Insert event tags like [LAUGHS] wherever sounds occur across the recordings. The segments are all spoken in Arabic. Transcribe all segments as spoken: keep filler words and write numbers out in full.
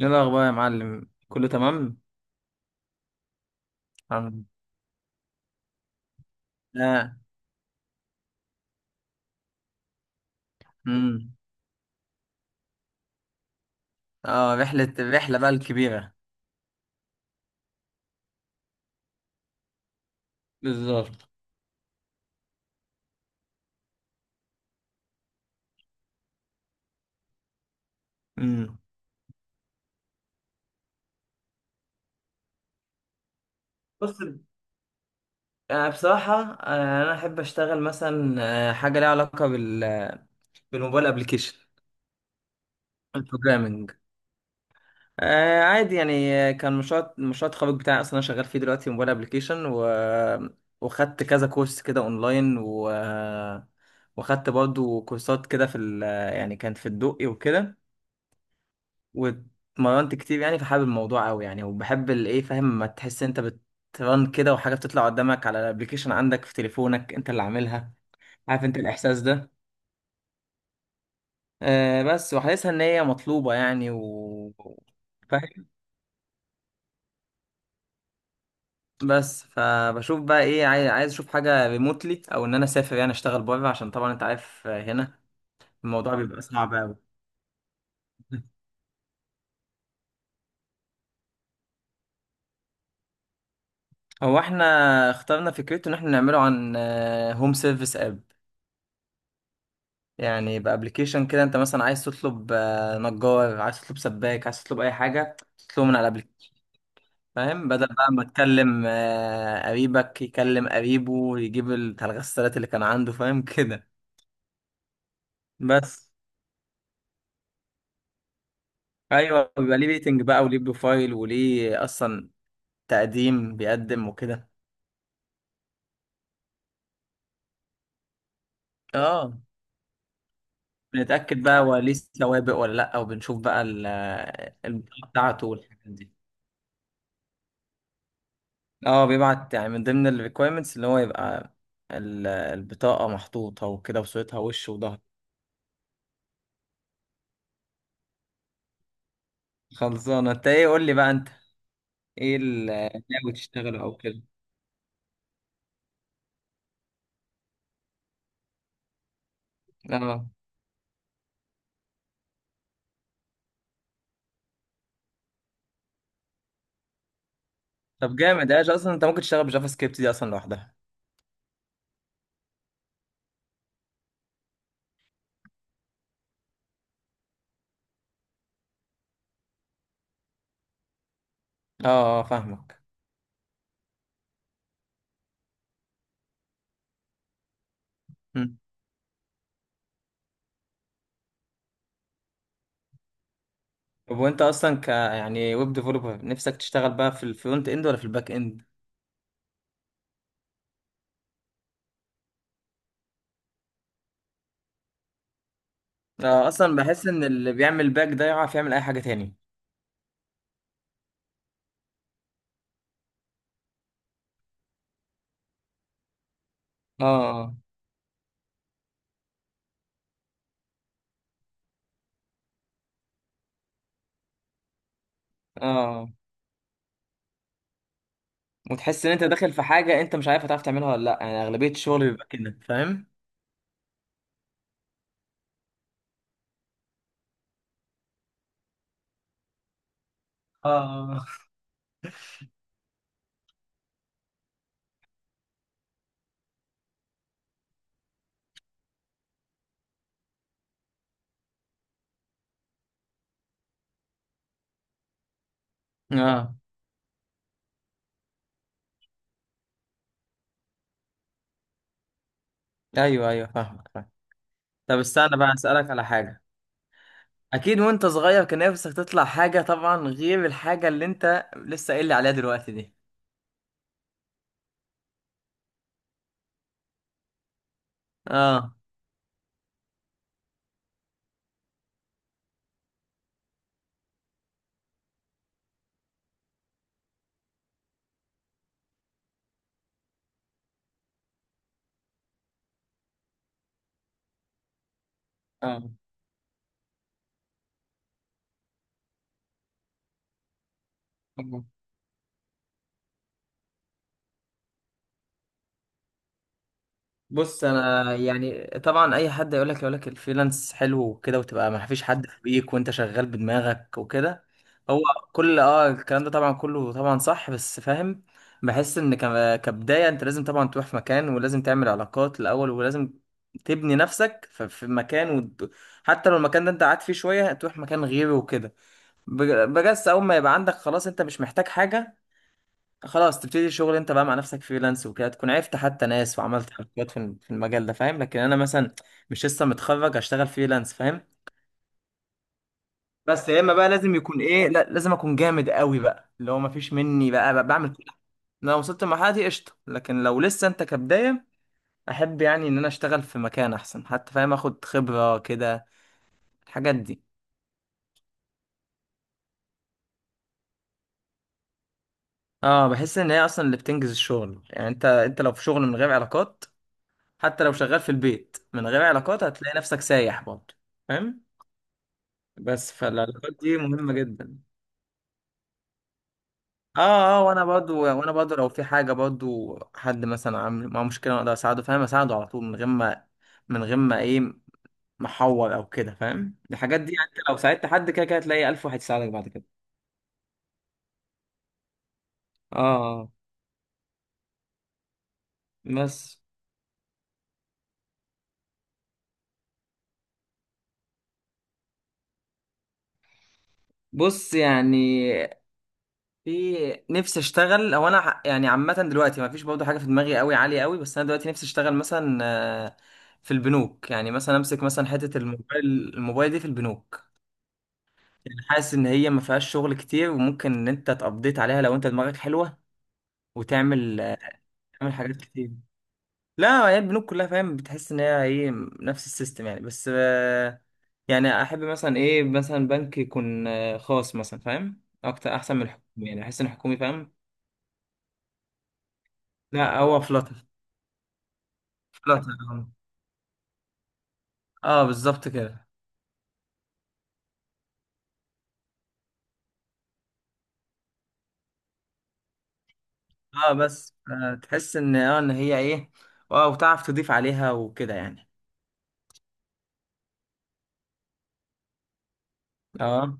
ايه الاخبار يا معلم، كله تمام. عم- اه. امم اه، رحله الرحله بقى الكبيره. بالظبط. امم بص. آه، بصراحة، آه، أنا أحب أشتغل مثلا. آه، حاجة ليها علاقة بال بالموبايل أبليكيشن. البروجرامينج. آه عادي يعني، آه، كان مشروع مشروع التخرج بتاعي أصلا، أنا شغال فيه دلوقتي موبايل أبليكيشن و... وخدت كذا كورس كده أونلاين، و... آه، وخدت برضو كورسات كده في ال... آه، يعني كانت في الدقي وكده. واتمرنت كتير يعني، فحابب الموضوع قوي يعني، وبحب الايه، فاهم ما تحس انت بترن كده وحاجه بتطلع قدامك على الابليكيشن عندك في تليفونك انت اللي عاملها. عارف انت الاحساس ده؟ آه بس وحاسسها ان هي مطلوبه يعني و فاهم. بس فبشوف بقى، ايه، عايز عايز اشوف حاجه ريموتلي، او ان انا اسافر يعني اشتغل بره، عشان طبعا انت عارف، آه، هنا الموضوع بيبقى صعب قوي. هو احنا اخترنا فكرته ان احنا نعمله عن هوم سيرفيس اب. يعني بابلكيشن كده، انت مثلا عايز تطلب، آه، نجار، عايز تطلب سباك، عايز تطلب اي حاجه تطلبه من على الابلكيشن. فاهم، بدل بقى ما تكلم آه، قريبك يكلم قريبه يجيب الت- الغسالات اللي كان عنده، فاهم، [LAUGHS] كده. بس ايوه، بيبقى ليه ريتنج بقى، وليه بروفايل، وليه اصلا تقديم بيقدم وكده. اه، بنتاكد بقى هو ليه سوابق ولا لا، وبنشوف بقى ال- البطاقه بتاعته والحاجات دي. اه، بيبعت يعني من ضمن الريكويرمنتس اللي هو يبقى ال- البطاقة محطوطة وكده، وصورتها، وش وظهر. خلصانة انت، ايه، قول لي بقى انت ايه اللي ناوي تشتغله او كده. اه، طب جامد. ايه اصلا انت ممكن تشتغل بجافا سكريبت دي اصلا لوحدها؟ اه اه، فاهمك. مم. طب وانت اصلا ك يعني ويب ديفلوبر، نفسك تشتغل بقى في الفرونت اند ولا في الباك اند؟ اه، اصلا بحس ان اللي بيعمل باك ده يعرف يعمل اي حاجة تاني. اه، اه، اه. وتحس ان انت داخل في حاجه انت مش عارف هتعرف تعملها ولا لا، يعني اغلبيه الشغل بيبقى كده، فاهم. اه، اه، ايوه، ايوه، فاهمك فاهم. طب استنى بقى اسالك على حاجه. اكيد، وانت صغير كان نفسك تطلع حاجه طبعا، غير الحاجه اللي انت لسه قايل لي عليها دلوقتي دي. اه، اه، بص انا يعني، طبعا اي حد يقول لك يقول لك الفريلانس حلو وكده، وتبقى ما فيش حد فوقيك وانت شغال بدماغك وكده. هو كل اه الكلام ده طبعا كله طبعا صح، بس فاهم. بحس ان ك- كبداية انت لازم طبعا تروح في مكان، ولازم تعمل علاقات الاول، ولازم تبني نفسك ف- في مكان، وت- حتى لو المكان ده انت قاعد فيه شوية تروح مكان غيره وكده. بج- بجس اول ما يبقى عندك خلاص انت مش محتاج حاجة، خلاص تبتدي شغل انت بقى مع نفسك فريلانس وكده، تكون عرفت حتى ناس وعملت حركات في الم- في المجال ده، فاهم، لكن انا مثلا مش لسه متخرج اشتغل فريلانس، فاهم. بس يا اما بقى لازم يكون ايه، لا لازم اكون جامد قوي بقى، اللي هو مفيش مني، بقى, بقى بعمل كل حاجه. لو وصلت المرحله دي قشطه، لكن لو لسه انت كبدايه احب يعني ان انا اشتغل في مكان احسن حتى، فاهم، اخد خبره كده الحاجات دي. اه، بحس ان هي اصلا اللي بتنجز الشغل يعني، انت انت لو في شغل من غير علاقات حتى لو شغال في البيت من غير علاقات هتلاقي نفسك سايح برضه، فاهم. بس، فالعلاقات دي مهمة جدا. اه، اه، وانا برضو وانا برضو لو في حاجة، برضو حد مثلا عامل معاه مشكلة اقدر اساعده، فاهم، اساعده على طول، من غير ما من غير ما ايه، محور او كده، فاهم، الحاجات دي يعني، انت لو ساعدت حد كده كده هتلاقي الف واحد يساعدك بعد كده. اه، آه. بس، بص يعني في نفسي اشتغل، او انا ح- يعني عامة دلوقتي ما فيش برضو حاجة في دماغي قوي عالية قوي، بس انا دلوقتي نفسي اشتغل مثلا آه، في البنوك، يعني مثلا امسك مثلا حتة الموبايل، الموبايل دي في البنوك. يعني حاسس ان هي ما فيهاش شغل كتير، وممكن ان انت تقضيت عليها لو انت دماغك حلوه، وتعمل تعمل حاجات كتير. لا هي البنوك كلها، فاهم، بتحس ان هي ايه، نفس السيستم يعني، بس آه، يعني احب مثلا ايه، مثلا بنك يكون آه، خاص مثلا، فاهم، اكتر احسن من الحكومي، يعني احس ان الحكومي فاهم. لا هو فلاتر. فلاتر اه. آه، بالظبط كده. اه بس آه تحس ان، اه ان هي ايه، اه، وتعرف تضيف عليها وكده يعني. اه،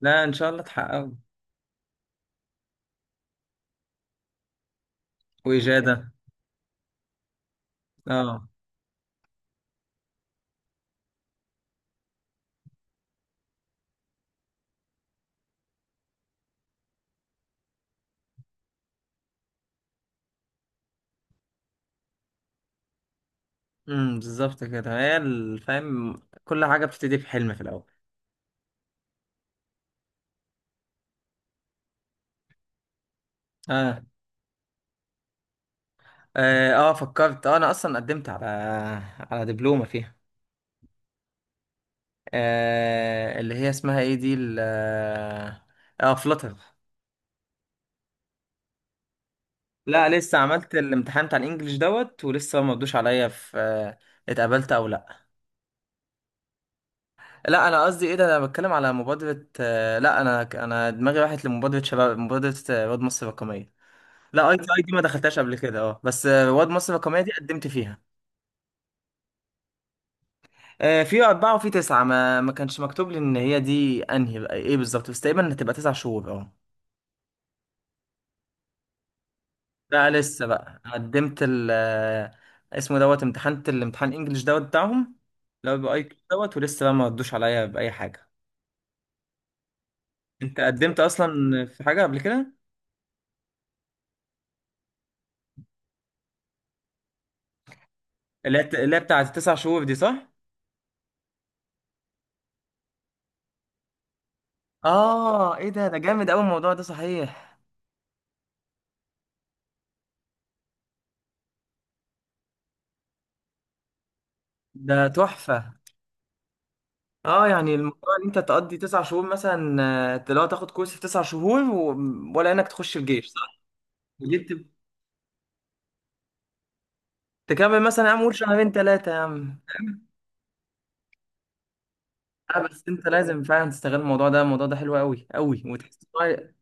لا ان شاء الله تحققه. واجاده. اه، امم بالظبط كده. هي ال- فاهم، كل حاجه بتبتدي بحلم في الاول. اه، اه، آه فكرت، آه انا اصلا قدمت على على دبلومه فيها. آه اللي هي اسمها ايه دي، ال- اه آه، فلتر. لا لسه عملت الامتحان بتاع الانجليش دوت، ولسه ما ردوش عليا في، آه اتقبلت او لا. لا انا قصدي، ايه ده، انا بتكلم على مبادره، آه لا انا انا دماغي راحت لمبادره شباب، مبادره آه، رواد مصر الرقميه. لا اي تي اي دي ما دخلتهاش قبل كده، اه بس آه، رواد مصر الرقميه دي قدمت فيها. آه، في أربعة وفي تسعة، ما ما كانش مكتوب لي إن هي دي أنهي بقى إيه بالظبط، بس تقريبا هتبقى تسع شهور، أه. لا لسه بقى قدمت ال، آه، اسمه دوت، امتحنت الامتحان الإنجليش دوت بتاعهم. لو بأي كيو دوت، ولسه بقى ما ردوش عليا بأي حاجة. أنت قدمت أصلا في حاجة قبل كده؟ اللي هي الت- اللي هي بتاعت التسع شهور دي، صح؟ آه إيه ده ده جامد أوي الموضوع ده، صحيح. ده تحفة. اه، يعني الموضوع ان انت تقضي تسع شهور مثلا، آه، لو تاخد كورس في تسع شهور و... ولا انك تخش الجيش، صح؟ جبت. تكمل مثلا يا عم، قول شهرين ثلاثة يا عم. اه، بس انت لازم فعلا تستغل الموضوع ده، الموضوع ده حلو قوي قوي، وتحس بقى-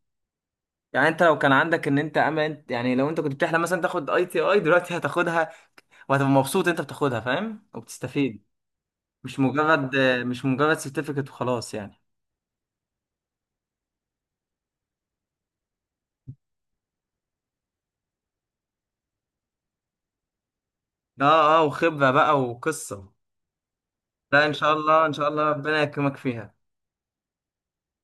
يعني انت لو كان عندك ان انت امل، انت يعني لو انت كنت بتحلم مثلا تاخد اي تي اي دلوقتي هتاخدها، وهتبقى مبسوط انت بتاخدها، فاهم، وبتستفيد. مش مجرد، مش مجرد سيرتيفيكت وخلاص يعني. اه، اه، وخبرة بقى وقصة. لا ان شاء الله، ان شاء الله ربنا يكرمك فيها.